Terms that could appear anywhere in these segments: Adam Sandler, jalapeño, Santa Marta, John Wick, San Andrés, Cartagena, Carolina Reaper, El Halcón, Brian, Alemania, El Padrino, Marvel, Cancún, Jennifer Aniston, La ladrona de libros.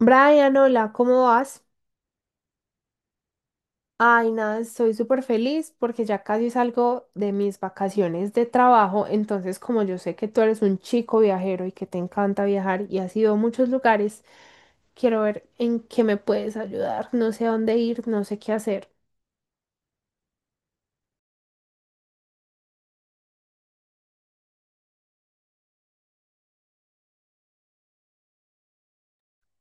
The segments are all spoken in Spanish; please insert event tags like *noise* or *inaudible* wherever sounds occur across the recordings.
Brian, hola, ¿cómo vas? Ay, nada, estoy súper feliz porque ya casi salgo de mis vacaciones de trabajo, entonces como yo sé que tú eres un chico viajero y que te encanta viajar y has ido a muchos lugares, quiero ver en qué me puedes ayudar, no sé a dónde ir, no sé qué hacer.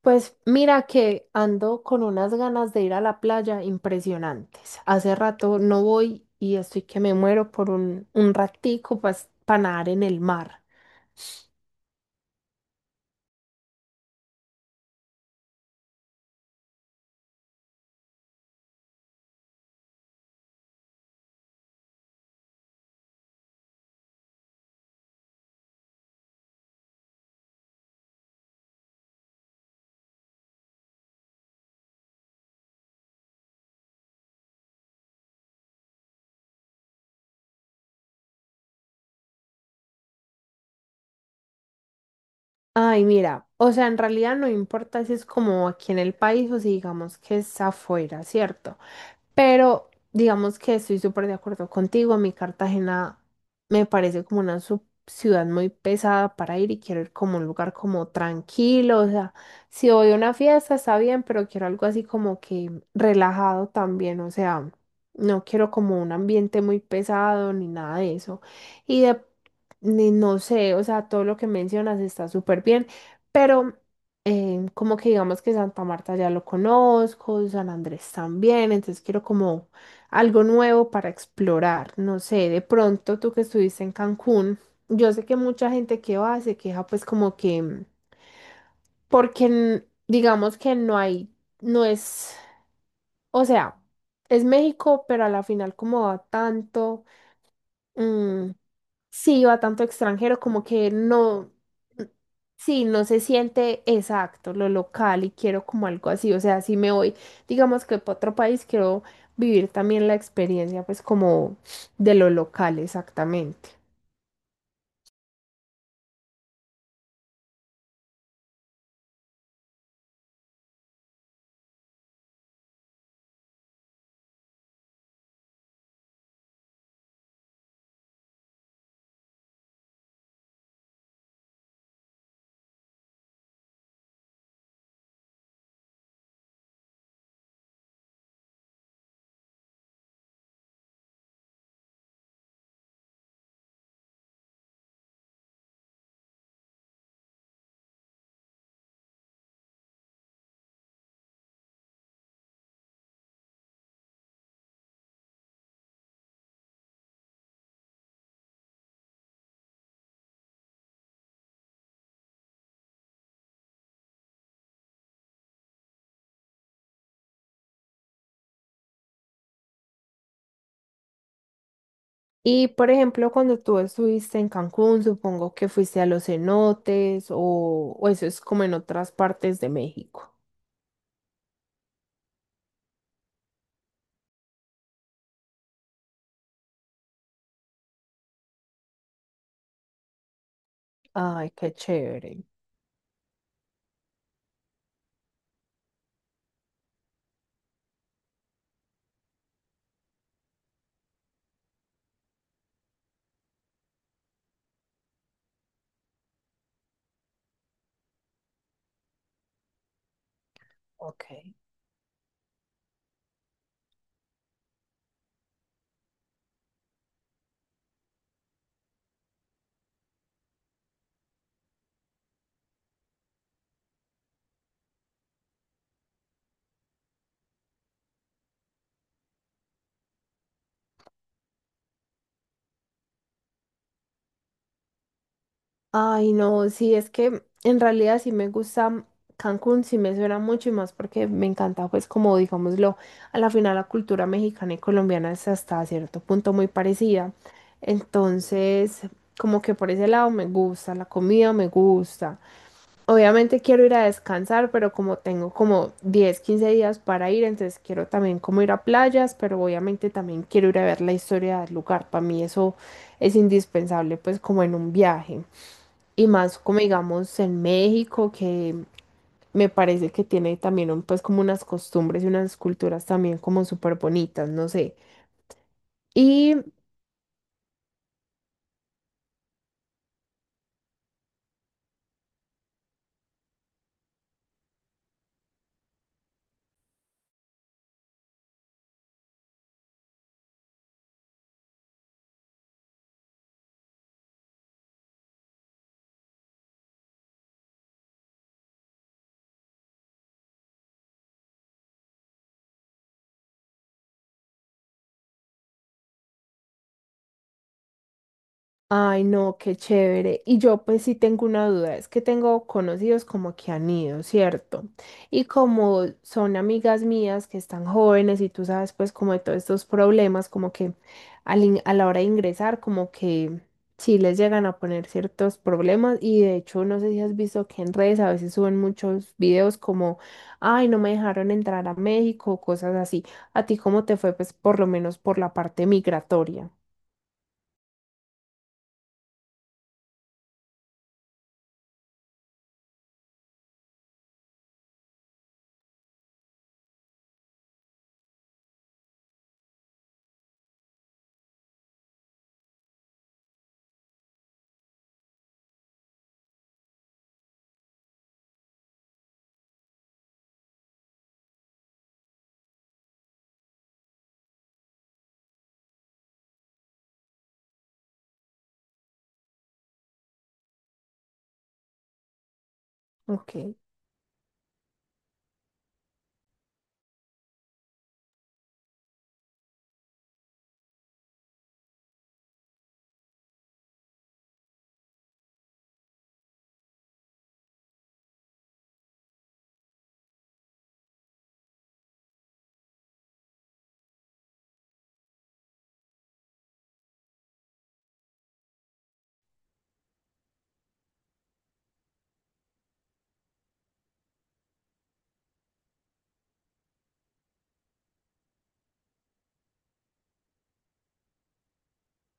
Pues mira que ando con unas ganas de ir a la playa impresionantes. Hace rato no voy y estoy que me muero por un ratico, pues, para nadar en el mar. Ay, mira, o sea, en realidad no importa si es como aquí en el país o si digamos que es afuera, ¿cierto? Pero digamos que estoy súper de acuerdo contigo. A mí Cartagena me parece como una ciudad muy pesada para ir, y quiero ir como a un lugar como tranquilo. O sea, si voy a una fiesta está bien, pero quiero algo así como que relajado también. O sea, no quiero como un ambiente muy pesado ni nada de eso. Y de, ni- no sé, o sea, todo lo que mencionas está súper bien, pero como que digamos que Santa Marta ya lo conozco, San Andrés también, entonces quiero como algo nuevo para explorar. No sé, de pronto tú que estuviste en Cancún, yo sé que mucha gente que va se queja pues como que, porque digamos que no hay, no es, o sea, es México, pero a la final como va tanto. Mm, sí, va tanto extranjero como que no, sí, no se siente exacto lo local, y quiero como algo así. O sea, si me voy, digamos que para otro país, quiero vivir también la experiencia, pues, como de lo local exactamente. Y por ejemplo, cuando tú estuviste en Cancún, supongo que fuiste a los cenotes, o eso es como en otras partes de México. Ay, qué chévere. Ok. Ay, no, sí, es que en realidad sí me gusta Cancún, sí me suena mucho, y más porque me encanta, pues, como digámoslo, a la final la cultura mexicana y colombiana es hasta cierto punto muy parecida. Entonces, como que por ese lado me gusta, la comida me gusta. Obviamente quiero ir a descansar, pero como tengo como 10 15 días para ir, entonces quiero también como ir a playas, pero obviamente también quiero ir a ver la historia del lugar. Para mí eso es indispensable, pues, como en un viaje. Y más como digamos en México, que me parece que tiene también pues como unas costumbres y unas culturas también como súper bonitas, no sé. Y ay, no, qué chévere. Y yo pues sí tengo una duda, es que tengo conocidos como que han ido, ¿cierto? Y como son amigas mías que están jóvenes y tú sabes pues como de todos estos problemas, como que a la hora de ingresar, como que sí les llegan a poner ciertos problemas, y de hecho no sé si has visto que en redes a veces suben muchos videos como, ay, no me dejaron entrar a México, cosas así. ¿A ti cómo te fue pues por lo menos por la parte migratoria? Ok.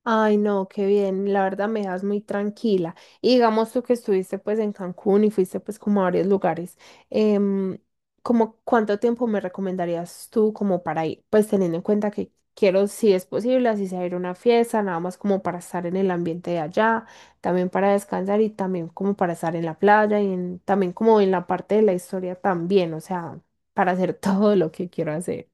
Ay, no, qué bien, la verdad me das muy tranquila. Y digamos tú que estuviste pues en Cancún y fuiste pues como a varios lugares, em, ¿como cuánto tiempo me recomendarías tú como para ir? Pues teniendo en cuenta que quiero, si es posible, así sea ir a una fiesta, nada más como para estar en el ambiente de allá, también para descansar, y también como para estar en la playa, y también como en la parte de la historia también, o sea, para hacer *laughs* todo lo que quiero hacer.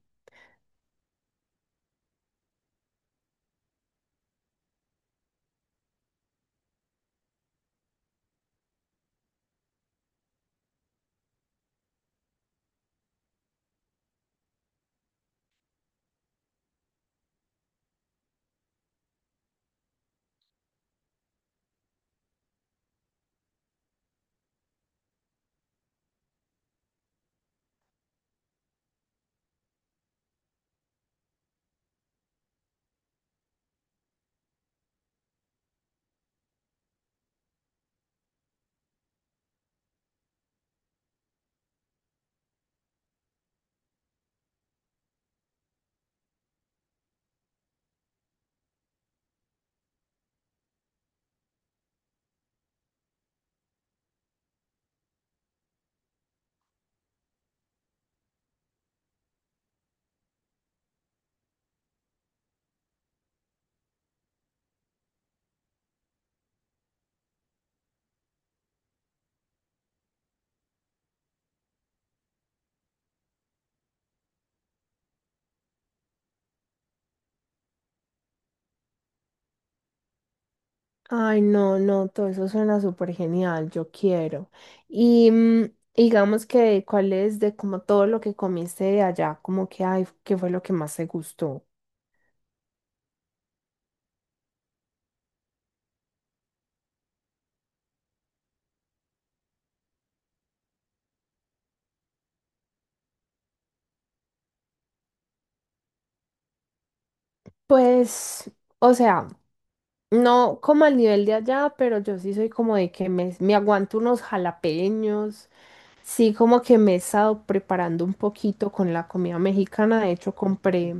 Ay, no, no, todo eso suena súper genial, yo quiero. Y digamos que, ¿cuál es de como todo lo que comiste de allá? Como que, ay, ¿qué fue lo que más te gustó? Pues, o sea, no como al nivel de allá, pero yo sí soy como de que me aguanto unos jalapeños. Sí, como que me he estado preparando un poquito con la comida mexicana. De hecho, compré.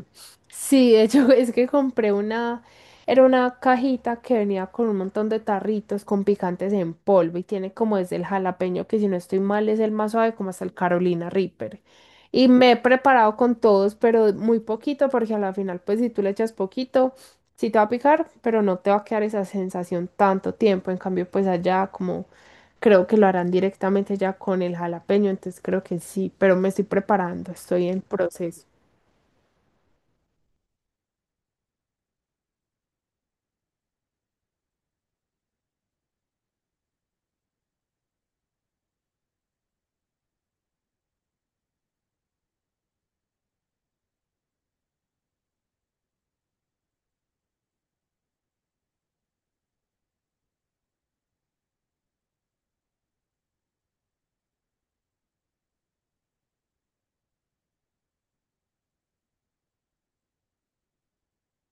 Sí, de hecho, *laughs* es que compré una. Era una cajita que venía con un montón de tarritos con picantes en polvo y tiene como desde el jalapeño, que si no estoy mal es el más suave, como hasta el Carolina Reaper. Y me he preparado con todos, pero muy poquito, porque a la final, pues si tú le echas poquito, sí te va a picar, pero no te va a quedar esa sensación tanto tiempo. En cambio, pues allá como creo que lo harán directamente ya con el jalapeño, entonces creo que sí, pero me estoy preparando, estoy en proceso.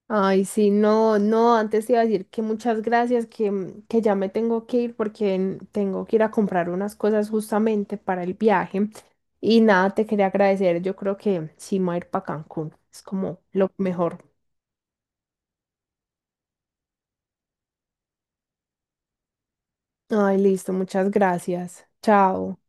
Ay, sí, no, no, antes te iba a decir que muchas gracias, que, que ya me tengo que ir porque tengo que ir a comprar unas cosas justamente para el viaje. Y nada, te quería agradecer, yo creo que sí me voy a ir para Cancún, es como lo mejor. Ay, listo, muchas gracias. Chao.